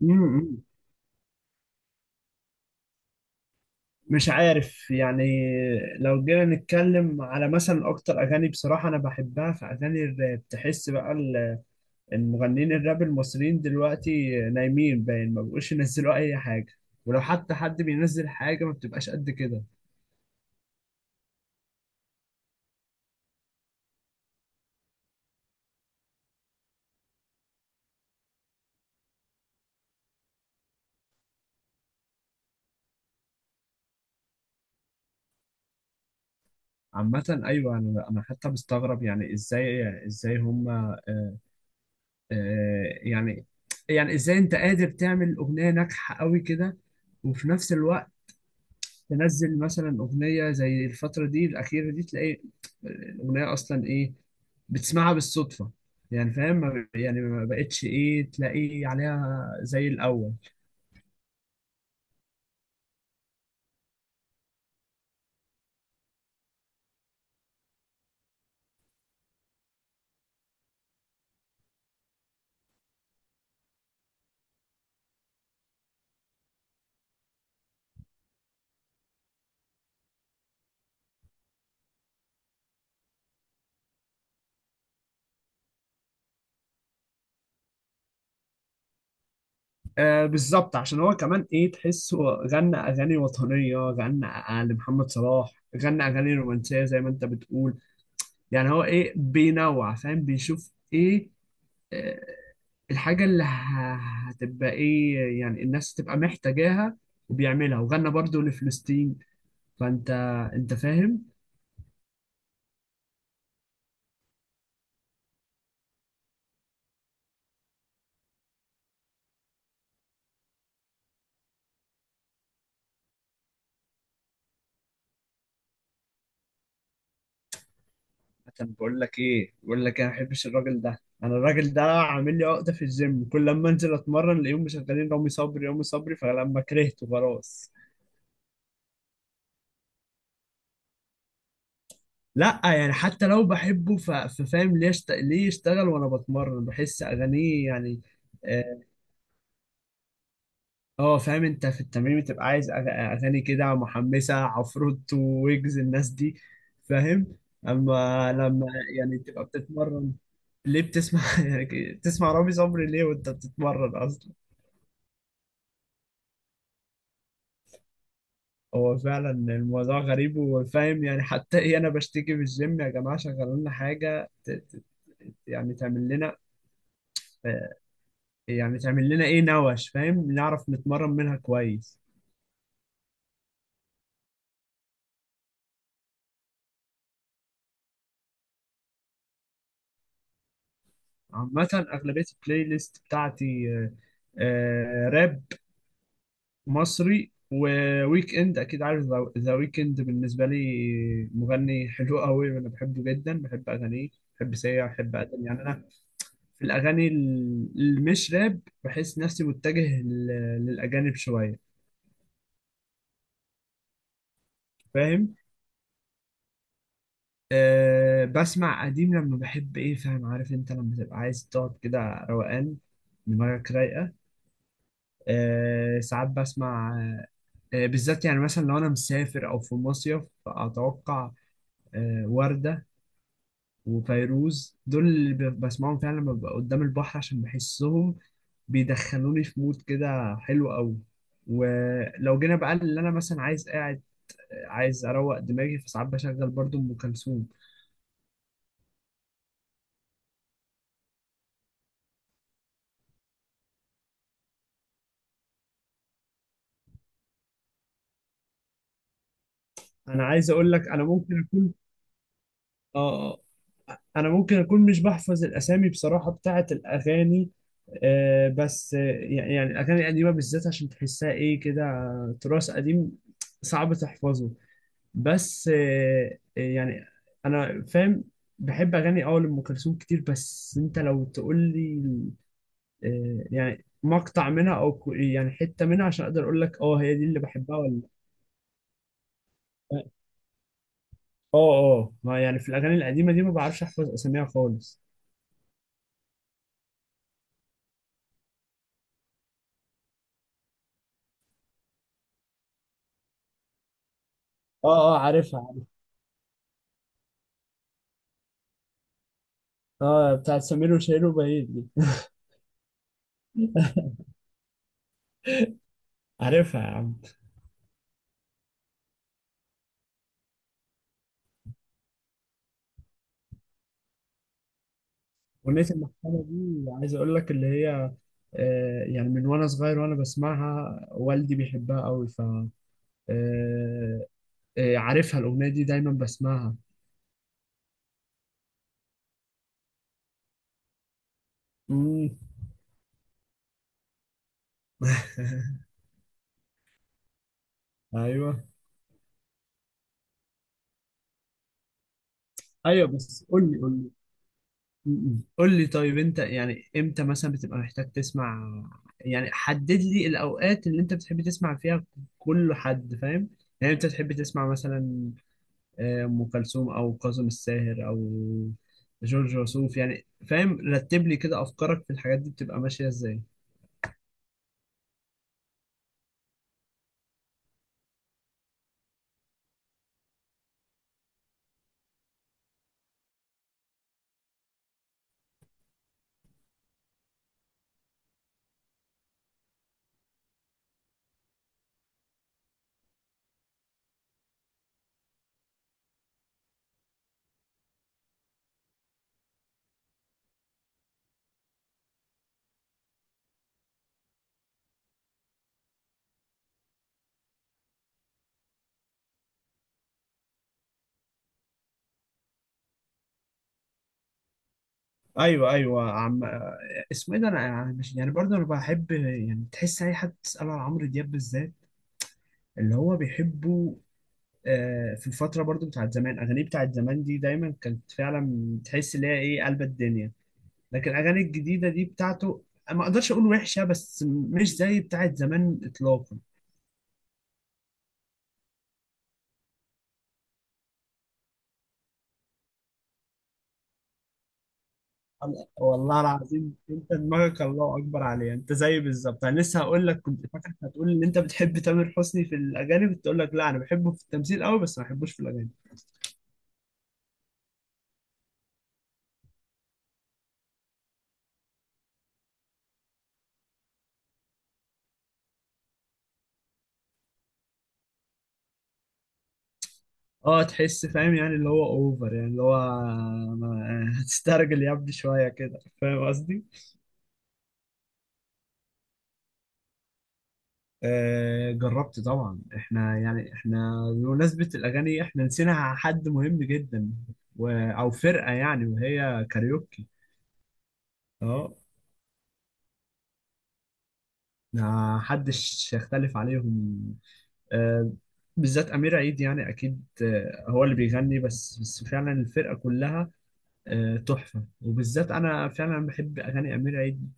مم. مش عارف يعني. لو جينا نتكلم على مثلا اكتر اغاني، بصراحه انا بحبها في اغاني الراب. تحس بقى المغنيين الراب المصريين دلوقتي نايمين، باين ما بقوش ينزلوا اي حاجه. ولو حتى حد بينزل حاجه ما بتبقاش قد كده. عامه ايوه، انا حتى مستغرب، يعني ازاي هم آه يعني يعني ازاي انت قادر تعمل اغنيه ناجحه قوي كده، وفي نفس الوقت تنزل مثلا اغنيه زي الفتره دي الاخيره دي، تلاقي الاغنيه اصلا ايه، بتسمعها بالصدفه. يعني فاهم، يعني ما بقتش ايه تلاقي عليها زي الاول. آه بالظبط، عشان هو كمان ايه تحسه، غنى اغاني وطنيه، غنى لمحمد صلاح، غنى اغاني رومانسيه زي ما انت بتقول. يعني هو ايه بينوع، فاهم، بيشوف ايه آه، الحاجه اللي هتبقى ايه يعني الناس تبقى محتاجاها وبيعملها. وغنى برضو لفلسطين. فانت، انت فاهم. طب بقول لك ايه، بقول لك انا ما بحبش الراجل ده. انا الراجل ده عامل لي عقده في الجيم، كل لما انزل اتمرن الاقيهم مشغلين رامي صبري رامي صبري، فلما كرهته خلاص. لا يعني حتى لو بحبه، ففاهم ليه ليه يشتغل وانا بتمرن، بحس اغانيه يعني. آه، اه فاهم، انت في التمرين بتبقى عايز اغاني كده محمسه، عفروتو، ويجز، الناس دي. فاهم. اما لما يعني تبقى بتتمرن، ليه بتسمع يعني بتسمع رامي صبري ليه وانت بتتمرن اصلا؟ هو فعلا الموضوع غريب. وفاهم يعني حتى ايه، انا بشتكي في الجيم يا جماعه شغلوا لنا حاجه، يعني تعمل لنا، يعني تعمل لنا ايه نوش، فاهم، نعرف نتمرن منها كويس. عامة أغلبية البلاي ليست بتاعتي راب مصري، وويك اند. اكيد عارف ذا ويك اند، بالنسبه لي مغني حلو قوي، انا بحبه جدا، بحب اغانيه. بحب سيا، بحب ادم. يعني انا في الاغاني اللي مش راب، بحس نفسي متجه للاجانب شويه. فاهم. أه بسمع قديم لما بحب ايه، فاهم، عارف انت لما تبقى عايز تقعد كده روقان، دماغك رايقه. أه، ساعات بسمع بالذات، يعني مثلا لو انا مسافر او في مصيف اتوقع، وردة وفيروز دول اللي بسمعهم فعلا لما ببقى قدام البحر، عشان بحسهم بيدخلوني في مود كده حلو قوي. ولو جينا بقى اللي انا مثلا عايز قاعد، عايز اروق دماغي، فساعات بشغل برضو ام كلثوم. انا عايز اقول لك انا ممكن اكون. اه. آه، انا ممكن اكون مش بحفظ الاسامي بصراحة بتاعت الاغاني. آه بس يعني، الاغاني القديمة بالذات عشان تحسها ايه كده، تراث قديم صعب تحفظه. بس يعني انا فاهم. بحب اغاني اول ام كلثوم كتير، بس انت لو تقول لي يعني مقطع منها او يعني حته منها، عشان اقدر اقول لك اه هي دي اللي بحبها ولا. اه. اه ما يعني في الاغاني القديمه دي، ما بعرفش احفظ اساميها خالص. اه. اه عارفها. اه بتاعت سمير وشهير وبهير دي. عارفها يا عم. أغنية المحكمة دي، عايز أقول لك اللي هي يعني من وأنا صغير وأنا بسمعها والدي بيحبها أوي. ف آه، عارفها الأغنية دي، دايما بسمعها. مم. ايوه ايوه. بس قول لي، قول لي. قول لي طيب، انت يعني امتى مثلا بتبقى محتاج تسمع؟ يعني حدد لي الاوقات اللي انت بتحب تسمع فيها. كل حد فاهم. يعني انت تحب تسمع مثلا ام كلثوم، او كاظم الساهر، او جورج وسوف؟ يعني فاهم، رتب لي كده افكارك في الحاجات دي بتبقى ماشية ازاي. ايوه ايوه عم. اسمه ايه ده، انا مش يعني برضه انا بحب، يعني تحس اي حد تساله على عمرو دياب بالذات اللي هو بيحبه. في الفتره برضه بتاعت زمان، اغانيه بتاعت زمان دي دايما كانت فعلا تحس ان هي ايه قلب الدنيا. لكن الاغاني الجديده دي بتاعته، ما اقدرش اقول وحشه، بس مش زي بتاعت زمان اطلاقا. والله العظيم، انت دماغك الله اكبر عليها. انت زي بالظبط انا، لسه هقول لك كنت فاكرك هتقول ان انت بتحب تامر حسني في الاغاني، كنت اقول لك لا انا بحبه في التمثيل قوي بس ما بحبوش في الاغاني. اه تحس فاهم، يعني اللي هو اوفر، يعني اللي هو هتسترجل يا ابني شويه كده، فاهم قصدي. آه جربت طبعا. احنا يعني احنا بمناسبه الاغاني احنا نسينا حد مهم جدا، او فرقه يعني، وهي كاريوكي. اه. ما حدش يختلف عليهم. آه، بالذات أمير عيد، يعني أكيد هو اللي بيغني، بس فعلا الفرقة كلها تحفة. وبالذات أنا فعلا بحب أغاني أمير عيد،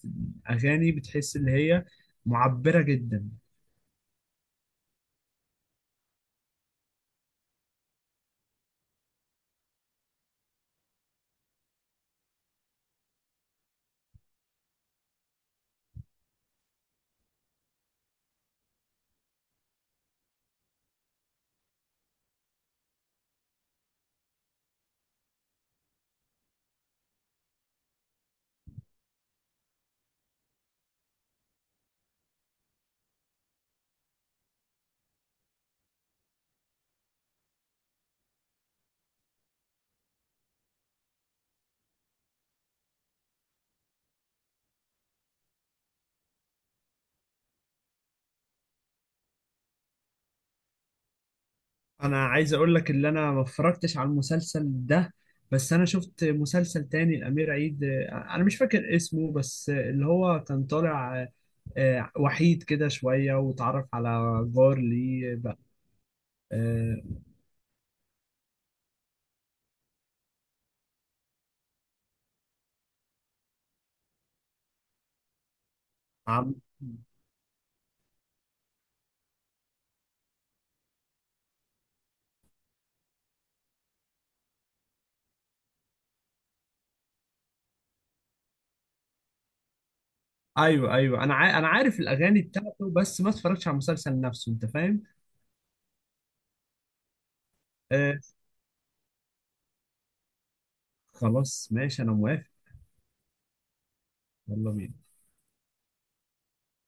أغاني بتحس إن هي معبرة جدا. أنا عايز أقول لك إن أنا ما اتفرجتش على المسلسل ده، بس أنا شفت مسلسل تاني لأمير عيد. أنا مش فاكر اسمه، بس اللي هو كان طالع وحيد كده شوية، وتعرف على جار ليه بقى. آه، عم. ايوه ايوه انا انا عارف الاغاني بتاعته، بس ما اتفرجتش على المسلسل نفسه، انت فاهم. آه خلاص ماشي، انا موافق. يلا بينا.